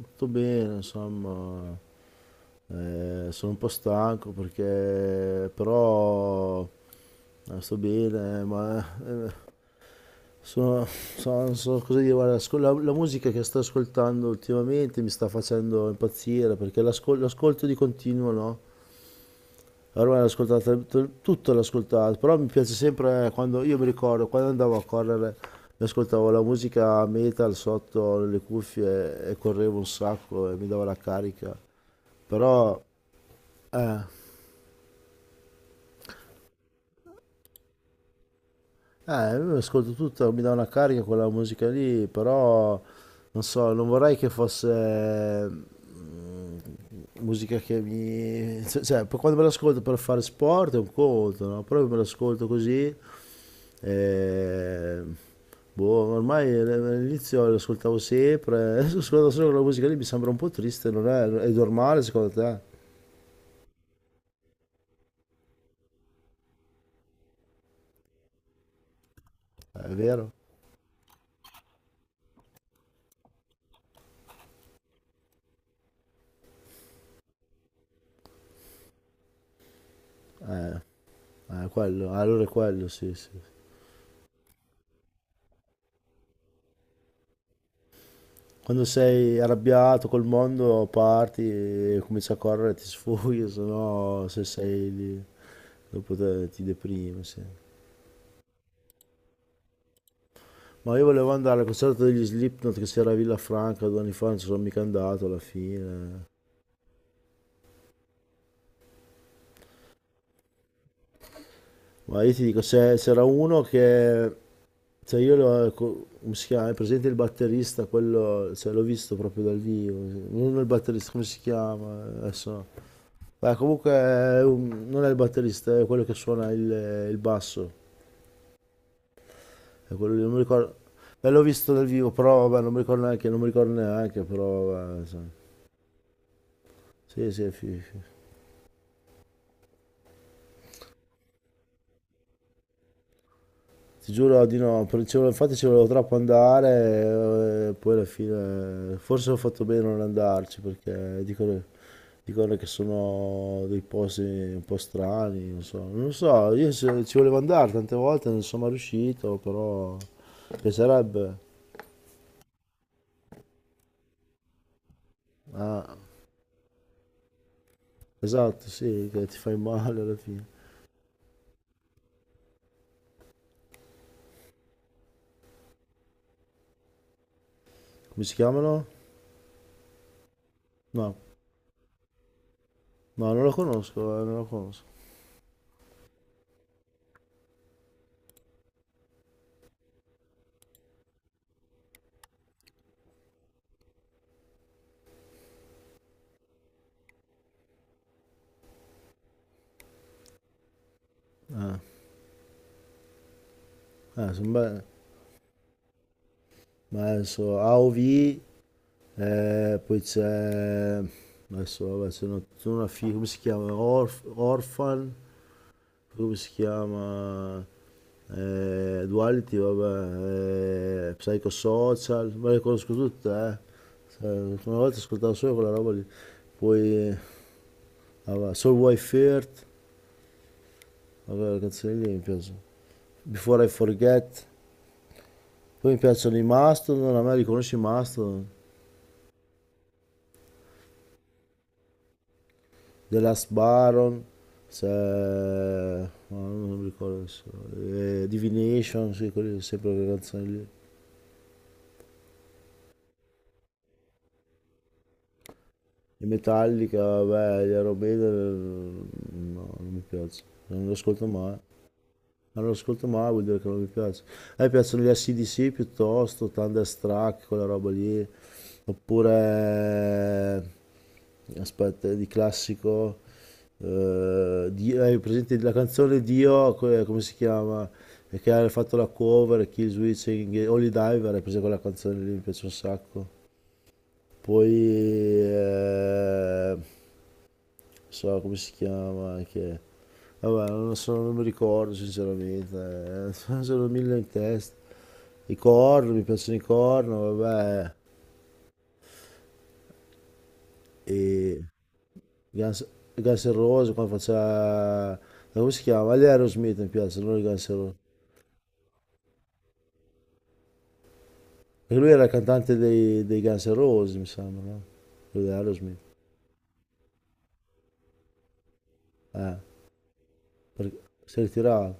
Tutto bene, insomma, sono un po' stanco perché però sto bene, ma sono, non so cosa dire, guarda, la musica che sto ascoltando ultimamente mi sta facendo impazzire perché l'ascolto di continuo, no? Ormai l'ho ascoltata, tutto l'ho ascoltato, però mi piace sempre quando, io mi ricordo, quando andavo a correre, mi ascoltavo la musica metal sotto le cuffie e correvo un sacco e mi dava la carica. Però Eh, io ascolto tutto, mi dà una carica quella musica lì, però non so, non vorrei che fosse musica che mi... cioè, poi quando me l'ascolto per fare sport è un conto, no? Però io me l'ascolto così, eh, boh, ormai all'inizio l'ascoltavo sempre, adesso ascolto solo quella musica lì, mi sembra un po' triste, non è, è normale secondo te? È vero? Quello, allora è quello, sì, sì. Quando sei arrabbiato col mondo parti e cominci a correre, ti sfoghi, se no se sei lì dopo ti deprimi, sì. Ma io volevo andare al concerto degli Slipknot che si era a Villafranca 2 anni fa, non ci sono mica andato alla fine. Ma io ti dico, c'era uno che... Cioè io l'ho... come si chiama? È presente il batterista, quello... Cioè l'ho visto proprio dal vivo. Non il batterista, come si chiama? Adesso... no. Beh, comunque è non è il batterista, è quello che suona il basso. E quello lì non mi ricordo. Beh, l'ho visto dal vivo, però vabbè, non mi ricordo neanche, però vabbè, insomma. Sì, sì. Ti giuro di no, ci infatti ci volevo troppo andare e poi alla fine forse ho fatto bene a non andarci perché dicono, che sono dei posti un po' strani, non so, non so, io ci volevo andare tante volte, non sono mai riuscito, però mi piacerebbe. Ah, esatto, sì, che ti fai male alla fine. Come si chiamano? No, no, non lo conosco, non lo conosco. Ah, ah, sono belle. Ma adesso AOV, poi c'è... Adesso, vabbè, c'è una come si chiama? Orphan, come si chiama? Duality, vabbè, Psychosocial, ma le conosco tutte, eh. Cioè, una volta ascoltavo solo quella roba lì. Poi, vabbè, Soul Wife Earth, vabbè, le canzoni lì mi piacciono. Before I Forget, poi mi piacciono i Mastodon, a me riconosci i Mastodon, The Last Baron, c'è... ma non mi ricordo adesso, Divination, sì, quelle sempre le canzoni lì. E Metallica, vabbè, gli Aerobeda, no, non mi piace, non lo ascolto mai. Non lo ascolto mai, vuol dire che non mi piace. A me piacciono gli AC/DC piuttosto, Thunderstruck, quella roba lì. Oppure, aspetta, di classico, hai presente la canzone Dio, come si chiama? E che ha fatto la cover, Kill Switching, Holy Diver, hai preso quella canzone lì, mi piace un sacco. Poi... eh, so come si chiama anche, vabbè non, lo so, non mi ricordo sinceramente, eh. Sono mille in testa, i corno, mi piacciono i corno, vabbè, e Guns, Guns N' Roses quando faceva, come si chiama? Gli Aerosmith mi piacciono, non i Guns N' Roses, perché lui era il cantante dei Guns N' Roses, mi sembra, no? Quello di Aerosmith, eh perché si è ritirato,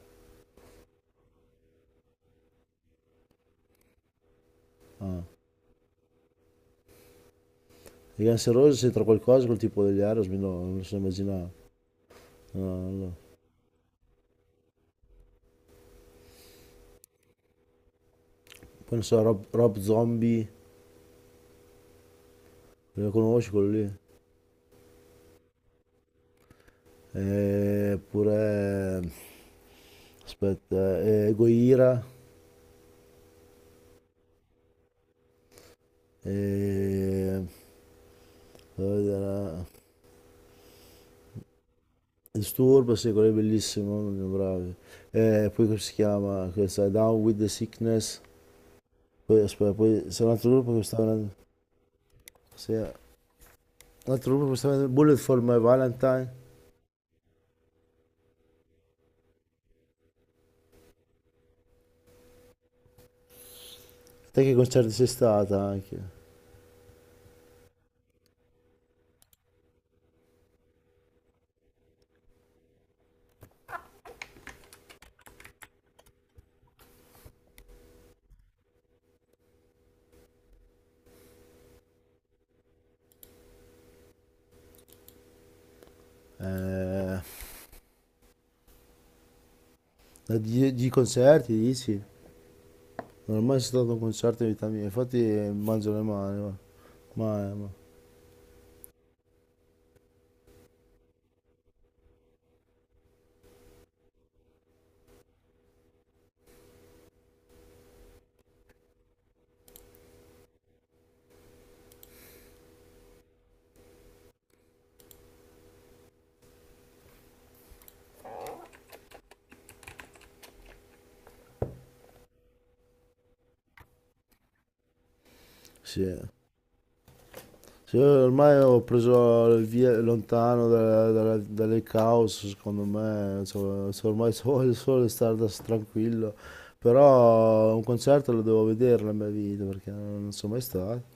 ah. I Guns N' Roses c'entra qualcosa col tipo degli Aerosmith? No, non lo so, immaginavo. No, no. Poi non so, Rob Zombie, lo conosci quello lì? Oppure, aspetta, Goira, eh, fammi vedere, Disturb, sì, quello è bellissimo, sono bravi. Poi come si chiama? Questa, Down with the Sickness. Poi, aspetta, poi c'è un altro gruppo che stava venendo, sì, un altro gruppo che stava venendo, Bullet for My Valentine. Te che concerti sei stata anche? Eh, di concerti dici? Non ho mai stato a un concerto in vita mia, infatti mangio le mani, guarda. ma, ma, Sì. Sì, ormai ho preso il via lontano dalle caos, secondo me, ormai voglio solo stare tranquillo, però un concerto lo devo vedere nella mia vita, perché non sono mai stato.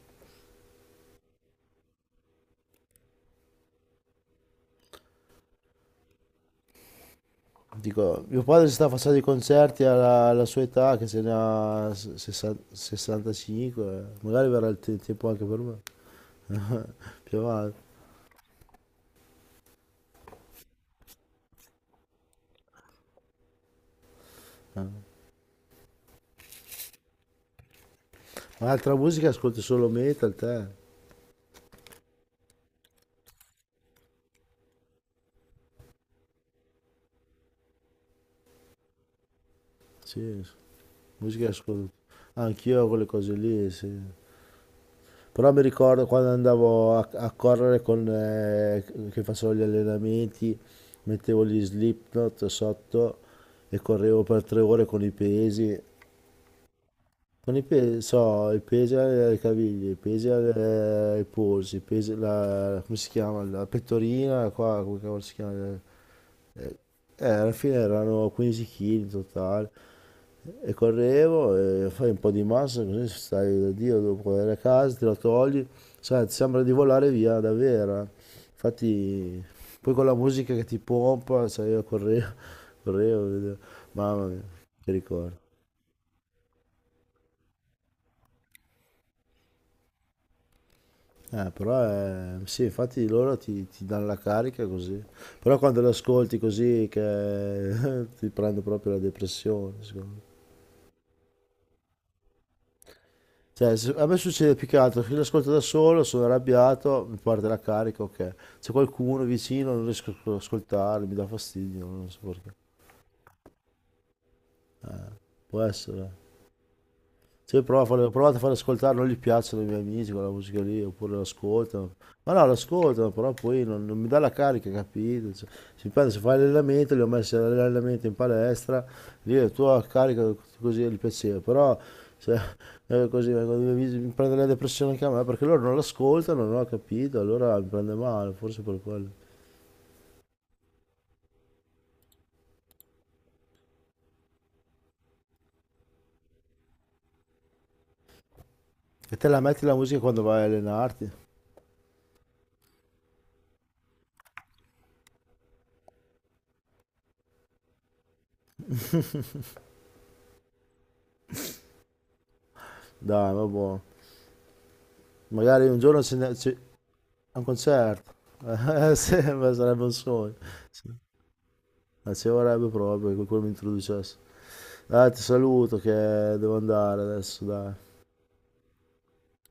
Dico, mio padre si sta facendo i concerti alla sua età, che se ne ha 65, magari verrà il tempo anche per me, più avanti. eh. Ma altra musica ascolti, solo metal te? Sì, musica ascolto. Anch'io quelle cose lì, sì. Però mi ricordo quando andavo a correre con, che facevo gli allenamenti, mettevo gli Slipknot sotto e correvo per 3 ore con i pesi, so, i pesi alle caviglie, i pesi ai polsi, i pesi, la, come si chiama, la pettorina, qua, come cavolo si chiama? Eh, Alla fine erano 15 kg in totale e correvo, e fai un po' di massa, così stai da Dio, dopo andare a casa te la togli, sai, ti sembra di volare via davvero. Infatti poi con la musica che ti pompa, sai, io correvo, correvo, vedevo. Mamma mia, che ricordo. Però sì, infatti loro ti danno la carica così. Però quando lo ascolti così che ti prende proprio la depressione, secondo me. Cioè, a me succede più che altro che l'ascolto da solo, sono arrabbiato, mi parte la carica, ok. C'è qualcuno vicino, non riesco a ascoltarlo, mi dà fastidio, non so perché. Può essere. Sì, provate a far ascoltare, non gli piacciono i miei amici quella musica lì, oppure l'ascoltano. Ma no, l'ascoltano, però poi non mi dà la carica, capito? Cioè, si prende, se fai l'allenamento, li ho messi all'allenamento in palestra, lì la tua carica, così gli piaceva, però se, così vengono i miei amici, mi prende la depressione anche a me, perché loro non l'ascoltano, non ho capito, allora mi prende male, forse per quello. E te la metti la musica quando vai a allenarti? Dai, ma buono. Magari un giorno ci, è un concerto, sì, ma sarebbe un sogno, sì. Ci vorrebbe proprio che qualcuno mi introducesse. Dai, ti saluto che devo andare adesso, dai.